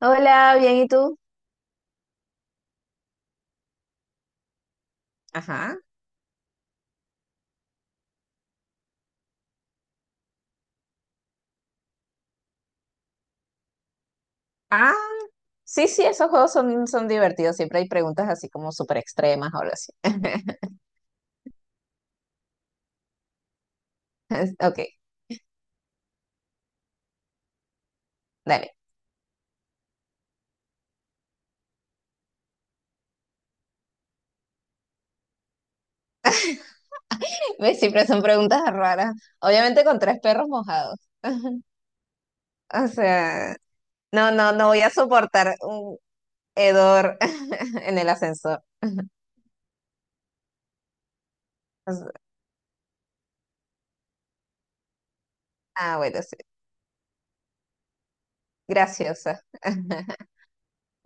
Hola, bien, ¿y tú? Ajá. Ah, sí, sí, esos juegos son divertidos. Siempre hay preguntas así como súper extremas o algo así. Ok, dale. Ve, siempre son preguntas raras. Obviamente con tres perros mojados. O sea, no, no voy a soportar un hedor en el ascensor. O sea, ah, bueno, sí. Graciosa.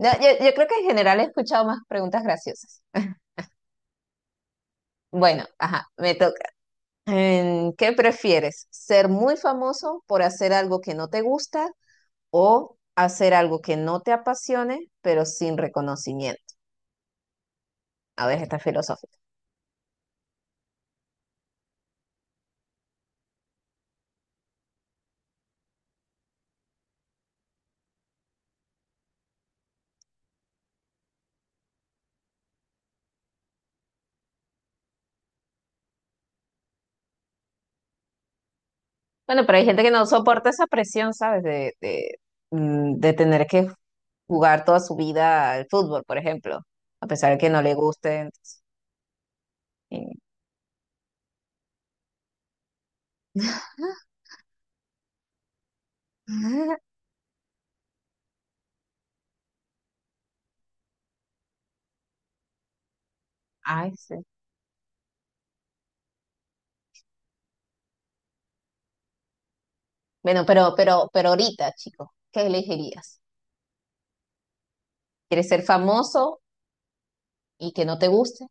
No, yo creo que en general he escuchado más preguntas graciosas. Bueno, ajá, me toca. ¿Qué prefieres? ¿Ser muy famoso por hacer algo que no te gusta, o hacer algo que no te apasione, pero sin reconocimiento? A ver, está filosófica. Bueno, pero hay gente que no soporta esa presión, ¿sabes? De tener que jugar toda su vida al fútbol, por ejemplo, a pesar de que no le guste. Entonces, eh. Ay, sí. Bueno, pero ahorita, chico, ¿qué elegirías? ¿Quieres ser famoso y que no te guste?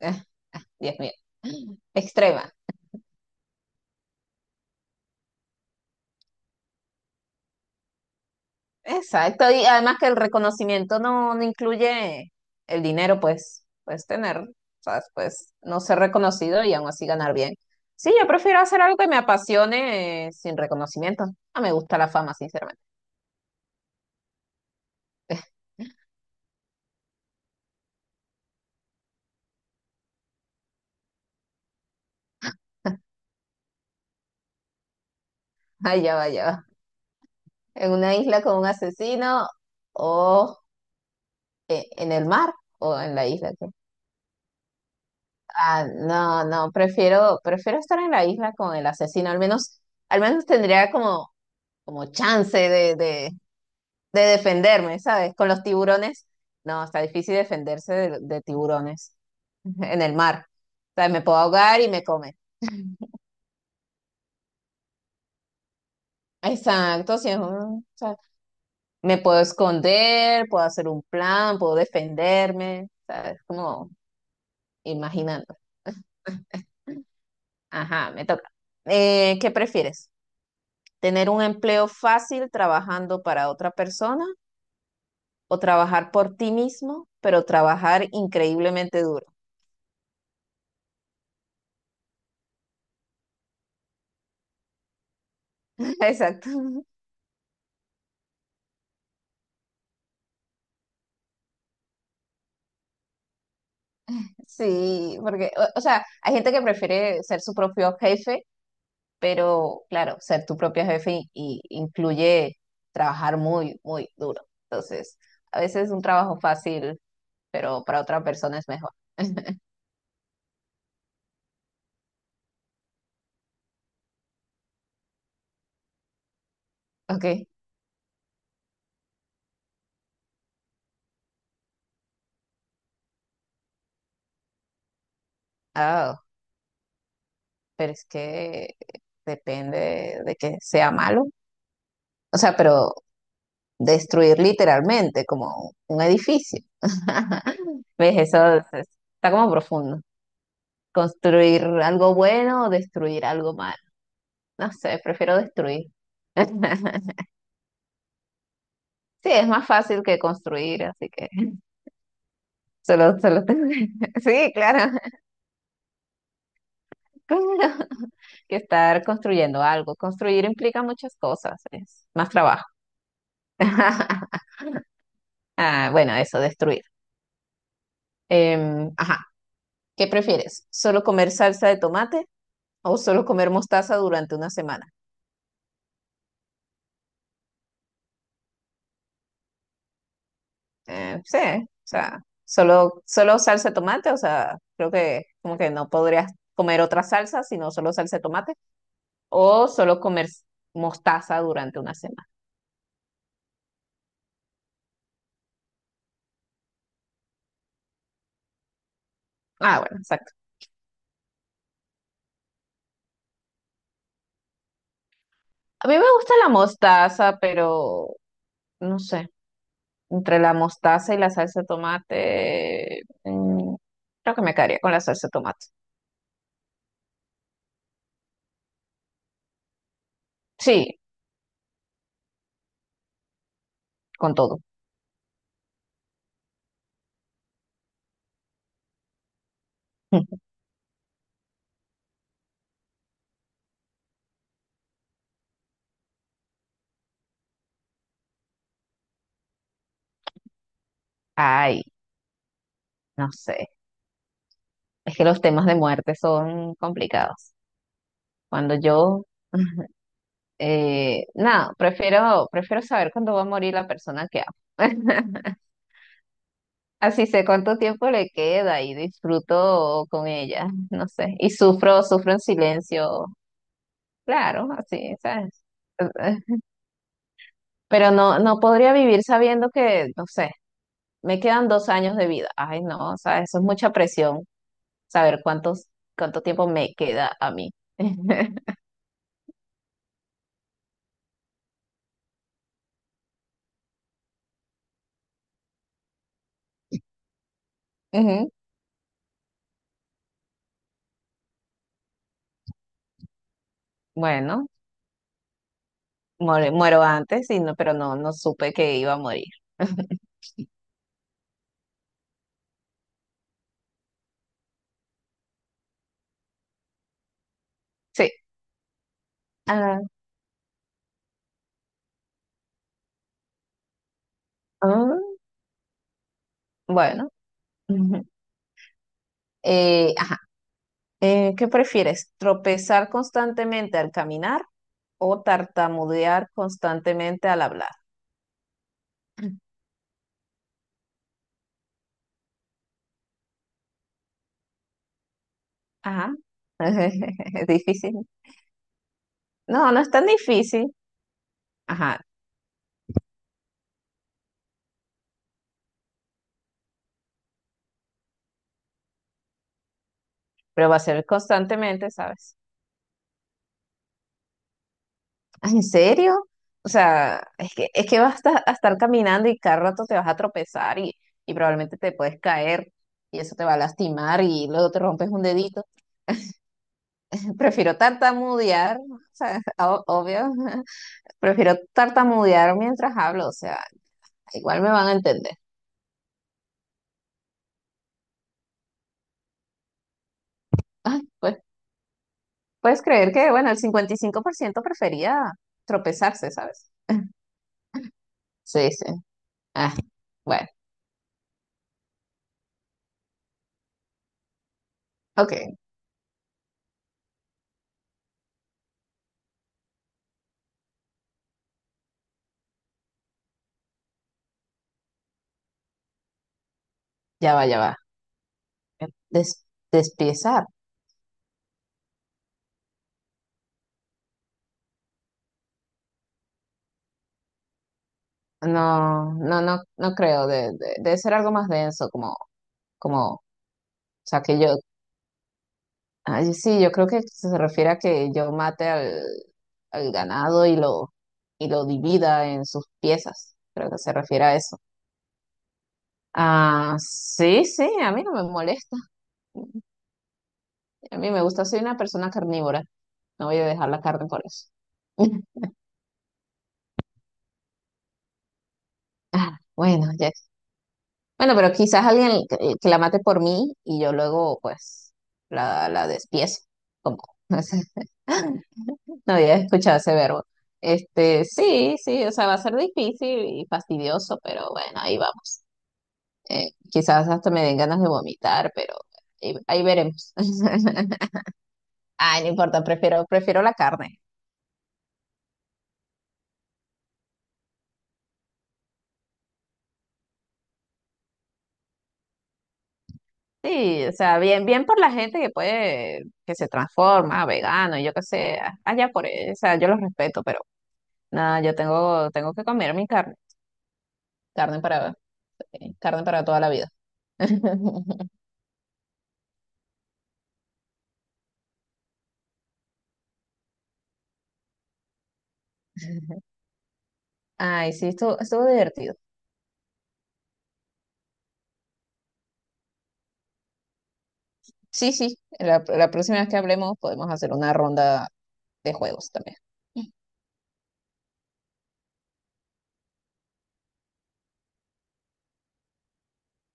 Dios mío, extrema. Exacto, y además que el reconocimiento no incluye el dinero, pues puedes tener, ¿sabes? Pues no ser reconocido y aún así ganar bien. Sí, yo prefiero hacer algo que me apasione sin reconocimiento. No me gusta la fama, sinceramente. Ay, ya va, ya va. En una isla con un asesino, o en el mar o en la isla. ¿Qué? Ah, no, no, prefiero estar en la isla con el asesino. Al menos tendría como como chance de defenderme, ¿sabes? Con los tiburones, no, está difícil defenderse de tiburones en el mar. O sea, me puedo ahogar y me come. Exacto, sí, es un- o sea, me puedo esconder, puedo hacer un plan, puedo defenderme, ¿sabes? Como imaginando. Ajá, me toca. ¿Qué prefieres? ¿Tener un empleo fácil trabajando para otra persona o trabajar por ti mismo, pero trabajar increíblemente duro? Exacto. Sí, porque, o sea, hay gente que prefiere ser su propio jefe, pero claro, ser tu propio jefe incluye trabajar muy duro. Entonces, a veces es un trabajo fácil, pero para otra persona es mejor. Ok, ah, pero es que depende de que sea malo. O sea, pero destruir literalmente como un edificio. ¿Ves? Eso es- está como profundo. Construir algo bueno o destruir algo malo. No sé, prefiero destruir. Sí, es más fácil que construir, así que solo tengo- Sí, claro, claro, que estar construyendo algo. Construir implica muchas cosas, es más trabajo. Ah, bueno, eso, destruir. Ajá, ¿qué prefieres? ¿Solo comer salsa de tomate o solo comer mostaza durante una semana? Sí, o sea, solo salsa de tomate, o sea, creo que como que no podrías comer otra salsa, sino solo salsa de tomate. O solo comer mostaza durante una semana. Ah, bueno, exacto. A mí me gusta la mostaza, pero no sé, entre la mostaza y la salsa de tomate, creo que me quedaría con la salsa de tomate. Sí, con todo. Ay, no sé. Es que los temas de muerte son complicados. Cuando yo, nada, prefiero saber cuándo va a morir la persona que amo. Así sé cuánto tiempo le queda y disfruto con ella, no sé. Y sufro, sufro en silencio, claro, así, ¿sabes? Eh, pero no, no podría vivir sabiendo que, no sé, me quedan 2 años de vida. Ay, no, o sea, eso es mucha presión, saber cuántos, cuánto tiempo me queda a mí. Ujú, bueno, muero antes, y no, pero no, no supe que iba a morir. Sí. Ah, ah, bueno. Ujú. Ajá. ¿Qué prefieres? ¿Tropezar constantemente al caminar o tartamudear constantemente al hablar? Ajá. Es difícil. No, no es tan difícil. Ajá, pero va a ser constantemente, ¿sabes? Ah, ¿en serio? O sea, es que vas a estar caminando y cada rato te vas a tropezar y probablemente te puedes caer y eso te va a lastimar y luego te rompes un dedito. Prefiero tartamudear, o sea, o- obvio. Prefiero tartamudear mientras hablo, o sea, igual me van a entender. Ay, pues, puedes creer que, bueno, el 55% prefería tropezarse, ¿sabes? Sí, sí. Ah, bueno, ok, ya va, ya va. Des- despiezar. No, no creo. De- debe ser algo más denso, como, como, o sea, que yo, ay, sí, yo creo que se refiere a que yo mate al, al ganado y lo divida en sus piezas. Creo que se refiere a eso. Ah, sí, sí, a mí no me molesta. A mí me gusta, soy una persona carnívora. No voy a dejar la carne por eso. Ah, bueno, ya. Bueno, pero quizás alguien que la mate por mí y yo luego, pues, la despiezo. Como, no sé, no había escuchado ese verbo. Este, sí, sí, o sea, va a ser difícil y fastidioso, pero bueno, ahí vamos. Quizás hasta me den ganas de vomitar, pero ahí, ahí veremos. Ay, no importa, prefiero la carne. Sí, o sea, bien, bien por la gente que puede, que se transforma, vegano, y yo qué sé, a- allá por él, o sea, yo los respeto, pero nada, yo tengo, tengo que comer mi carne, carne para, carne para toda la vida. Ay, sí, estuvo, estuvo divertido. Sí, sí, la próxima vez que hablemos podemos hacer una ronda de juegos también.